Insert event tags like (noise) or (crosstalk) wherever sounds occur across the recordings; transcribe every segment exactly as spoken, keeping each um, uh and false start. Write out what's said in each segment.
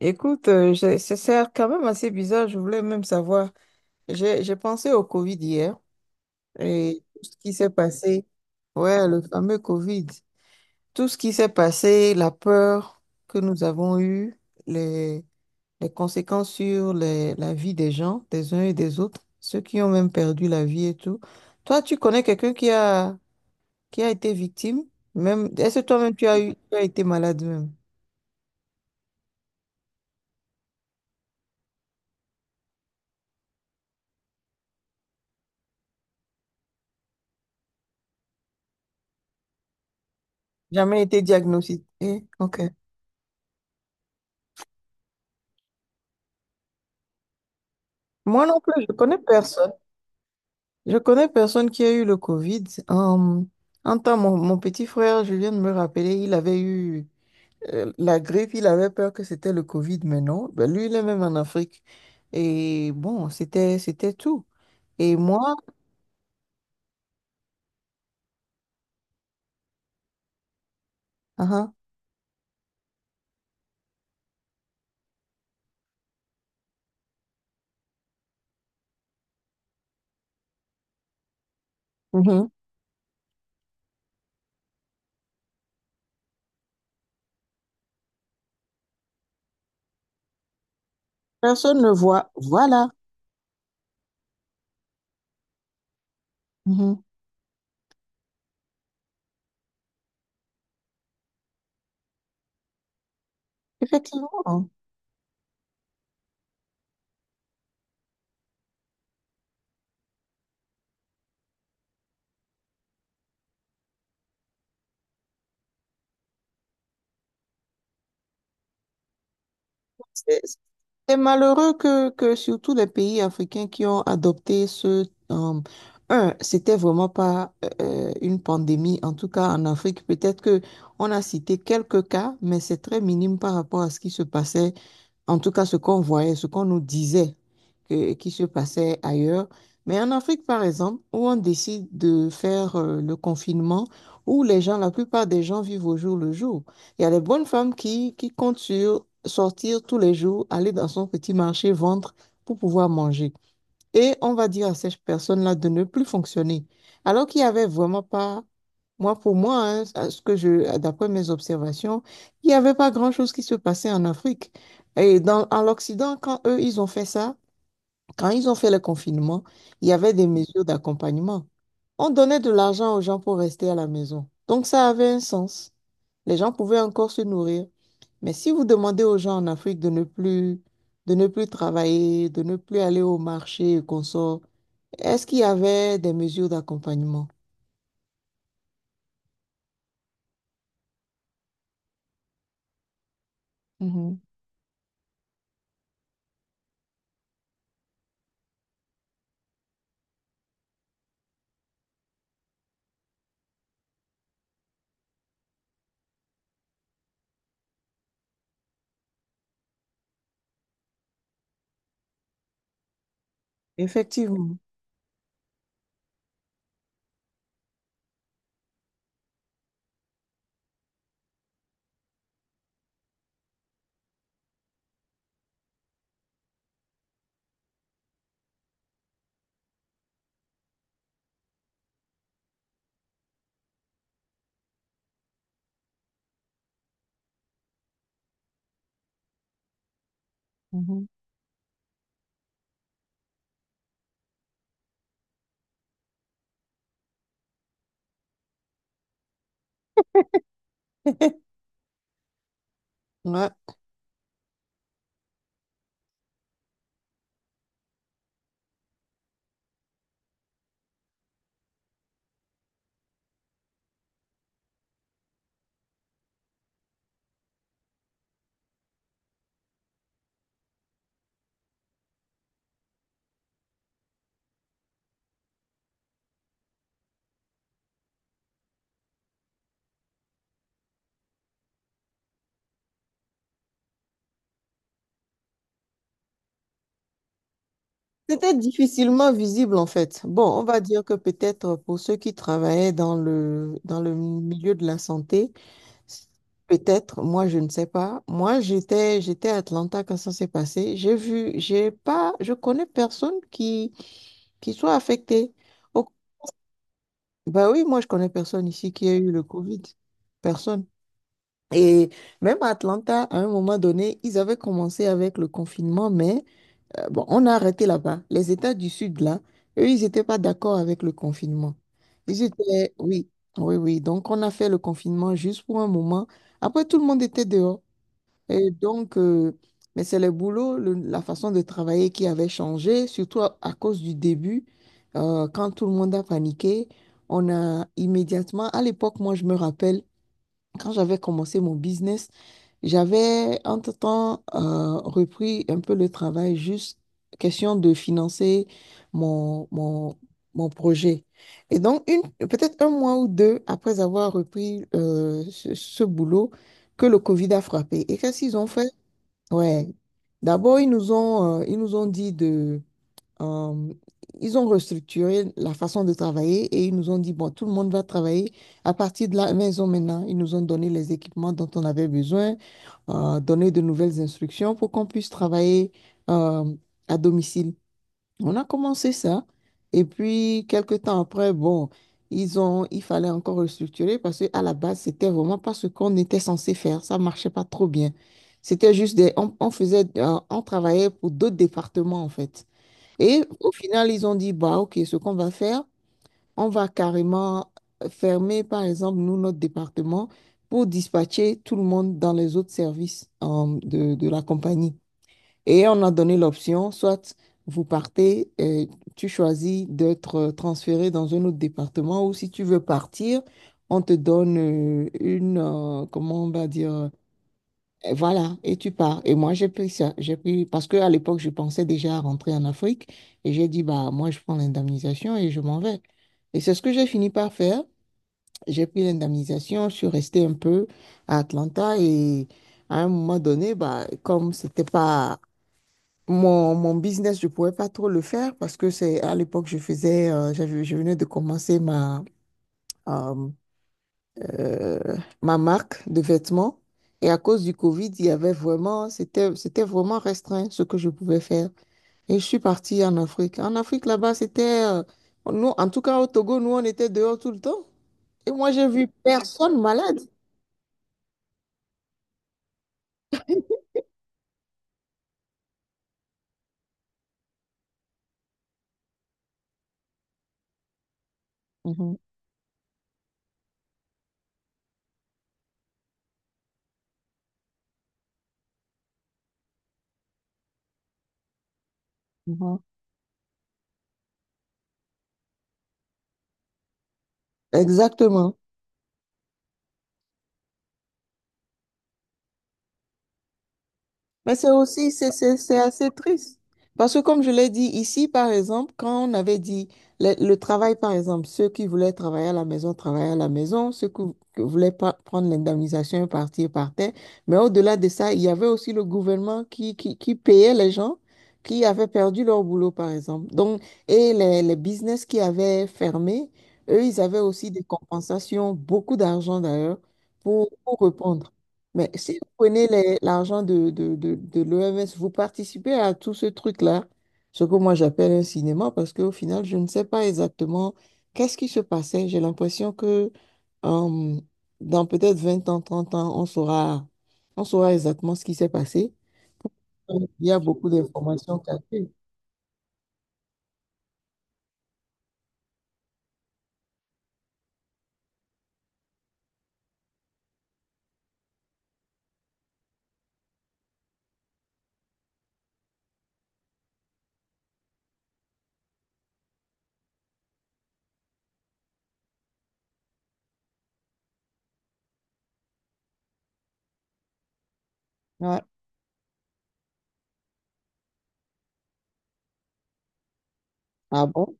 Écoute, euh, j'ai- c'est c'est quand même assez bizarre. Je voulais même savoir. J'ai j'ai pensé au Covid hier et tout ce qui s'est passé. Ouais, le fameux Covid. Tout ce qui s'est passé, la peur que nous avons eue, les, les conséquences sur les- la vie des gens, des uns et des autres, ceux qui ont même perdu la vie et tout. Toi, tu connais quelqu'un qui a, qui a été victime? Même, est-ce que toi-même tu as eu, tu as été malade même? Jamais été diagnostiqué? Ok. Moi non plus, je connais personne. Je connais personne qui a eu le Covid. Euh, En un temps, mon, mon petit frère, je viens de me rappeler, il avait eu euh, la grippe, il avait peur que c'était le Covid, mais non. Ben, lui, il est même en Afrique. Et bon, c'était, c'était tout. Et moi, ah ah, mhm, personne ne voit. Voilà. Mhm. Effectivement. C'est c'est malheureux que, que surtout les pays africains qui ont adopté ce... euh, un, c'était vraiment pas euh, une pandémie, en tout cas en Afrique. Peut-être que on a cité quelques cas, mais c'est très minime par rapport à ce qui se passait, en tout cas ce qu'on voyait, ce qu'on nous disait que- qui se passait ailleurs. Mais en Afrique, par exemple, où on décide de faire euh, le confinement, où les gens, la plupart des gens vivent au jour le jour. Il y a les bonnes femmes qui, qui comptent sur sortir tous les jours, aller dans son petit marché, vendre pour pouvoir manger. Et on va dire à ces personnes-là de ne plus fonctionner. Alors qu'il n'y avait vraiment pas, moi pour moi, hein, à ce que je, d'après mes observations, il n'y avait pas grand-chose qui se passait en Afrique. Et dans, en l'Occident, quand eux, ils ont fait ça, quand ils ont fait le confinement, il y avait des mesures d'accompagnement. On donnait de l'argent aux gens pour rester à la maison. Donc ça avait un sens. Les gens pouvaient encore se nourrir. Mais si vous demandez aux gens en Afrique de ne plus, de ne plus travailler, de ne plus aller au marché et qu'on sort, est-ce qu'il y avait des mesures d'accompagnement? Mhm. Effectivement. Mhm. (laughs) Ouais. C'était difficilement visible en fait. Bon, on va dire que peut-être pour ceux qui travaillaient dans le, dans le milieu de la santé, peut-être, moi je ne sais pas. Moi j'étais, j'étais à Atlanta quand ça s'est passé. J'ai vu, j'ai pas, je connais personne qui, qui soit affecté. Oh, bah oui, moi je connais personne ici qui a eu le Covid. Personne. Et même à Atlanta, à un moment donné, ils avaient commencé avec le confinement, mais euh, bon, on a arrêté là-bas. Les États du Sud, là, eux, ils n'étaient pas d'accord avec le confinement. Ils étaient, oui, oui, oui. Donc, on a fait le confinement juste pour un moment. Après, tout le monde était dehors. Et donc, euh, mais c'est le boulot, le- la façon de travailler qui avait changé, surtout à, à cause du début, euh, quand tout le monde a paniqué. On a immédiatement, à l'époque, moi, je me rappelle. Quand j'avais commencé mon business, j'avais entre-temps euh, repris un peu le travail, juste question de financer mon, mon, mon projet. Et donc, une, peut-être un mois ou deux après avoir repris euh, ce, ce boulot, que le Covid a frappé. Et qu'est-ce qu'ils ont fait? Ouais. D'abord, ils nous ont, euh, ils nous ont dit euh, ils ont restructuré la façon de travailler et ils nous ont dit, bon, tout le monde va travailler à partir de la maison maintenant. Ils nous ont donné les équipements dont on avait besoin, euh, donné de nouvelles instructions pour qu'on puisse travailler euh, à domicile. On a commencé ça et puis quelques temps après, bon, ils ont, il fallait encore restructurer parce qu'à la base, c'était vraiment pas ce qu'on était censé faire. Ça marchait pas trop bien. C'était juste des, on, on faisait, euh, on travaillait pour d'autres départements en fait. Et au final, ils ont dit, bah, OK, ce qu'on va faire, on va carrément fermer, par exemple, nous, notre département pour dispatcher tout le monde dans les autres services euh, de, de la compagnie. Et on a donné l'option, soit vous partez, et tu choisis d'être euh, transféré dans un autre département, ou si tu veux partir, on te donne euh, une, euh, comment on va dire, et voilà, et tu pars. Et moi, j'ai pris ça. J'ai pris, parce qu'à l'époque, je pensais déjà à rentrer en Afrique. Et j'ai dit, bah, moi, je prends l'indemnisation et je m'en vais. Et c'est ce que j'ai fini par faire. J'ai pris l'indemnisation, je suis restée un peu à Atlanta. Et à un moment donné, bah, comme c'était pas mon, mon business, je pouvais pas trop le faire parce que c'est à l'époque, je faisais, euh, j'avais, je venais de commencer ma, euh, euh, ma marque de vêtements. Et à cause du Covid, il y avait vraiment, c'était, c'était vraiment restreint ce que je pouvais faire. Et je suis partie en Afrique. En Afrique, là-bas, c'était, euh, nous, en tout cas au Togo, nous, on était dehors tout le temps. Et moi, j'ai vu personne malade. Mhm, mhm. Exactement. Mais c'est aussi, c'est c'est- c'est assez triste. Parce que comme je l'ai dit ici, par exemple, quand on avait dit le, le travail, par exemple, ceux qui voulaient travailler à la maison, travaillaient à la maison, ceux qui, qui voulaient pas prendre l'indemnisation et partir, partaient. Mais au-delà de ça, il y avait aussi le gouvernement qui, qui, qui payait les gens qui avaient perdu leur boulot, par exemple. Donc, et les, les business qui avaient fermé, eux, ils avaient aussi des compensations, beaucoup d'argent d'ailleurs, pour, pour répondre. Mais si vous prenez les- l'argent de, de, de, de l'O M S, vous participez à tout ce truc-là, ce que moi j'appelle un cinéma, parce qu'au final, je ne sais pas exactement qu'est-ce qui se passait. J'ai l'impression que euh, dans peut-être vingt ans, trente ans, on saura, on saura exactement ce qui s'est passé. Il y a beaucoup d'informations cachées. Ouais. Ah bon?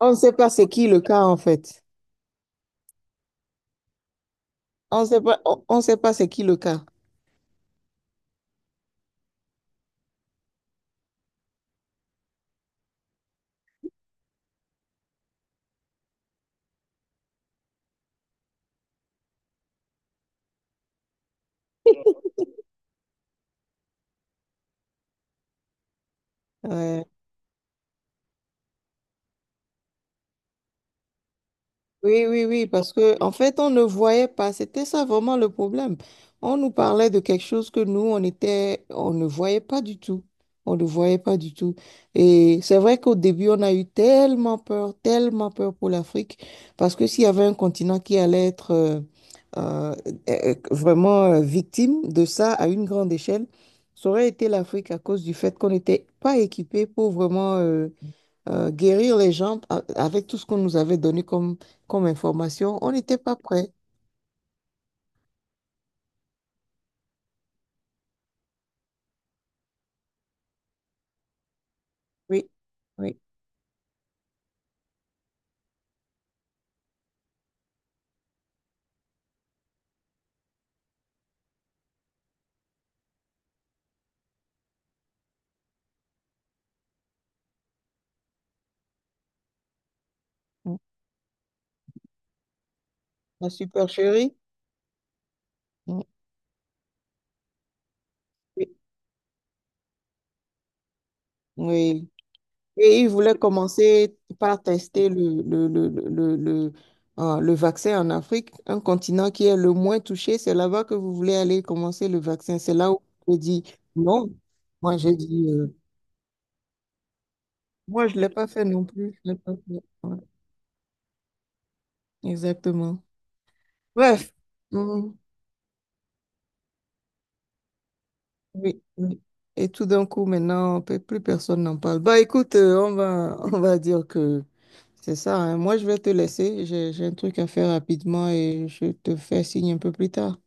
On ne sait pas c'est qui le cas, en fait. On ne sait pas, on, on sait pas c'est qui le cas. Ouais. Oui, oui, oui, parce que en fait, on ne voyait pas. C'était ça vraiment le problème. On nous parlait de quelque chose que nous, on était, on ne voyait pas du tout. On ne voyait pas du tout. Et c'est vrai qu'au début, on a eu tellement peur, tellement peur pour l'Afrique, parce que s'il y avait un continent qui allait être euh, euh, euh, vraiment euh, victime de ça à une grande échelle, ça aurait été l'Afrique à cause du fait qu'on n'était pas équipé pour vraiment euh, euh, guérir les gens a- avec tout ce qu'on nous avait donné comme, comme information, on n'était pas prêts. Oui, oui. Mm. La supercherie, mm, oui. Oui. Et ils voulaient commencer par tester le, le, le, le, le, le euh, le vaccin en Afrique, un continent qui est le moins touché. C'est là-bas que vous voulez aller commencer le vaccin. C'est là où je dis non. Moi, j'ai dit, euh, moi, je ne l'ai pas fait non plus. Je l'ai pas fait. Ouais, exactement. Bref. Mm. Oui, oui. Et tout d'un coup, maintenant, pe- plus personne n'en parle. Bah, écoute, euh, on va, (laughs) on va dire que c'est ça, hein. Moi, je vais te laisser. J'ai, j'ai un truc à faire rapidement et je te fais signe un peu plus tard.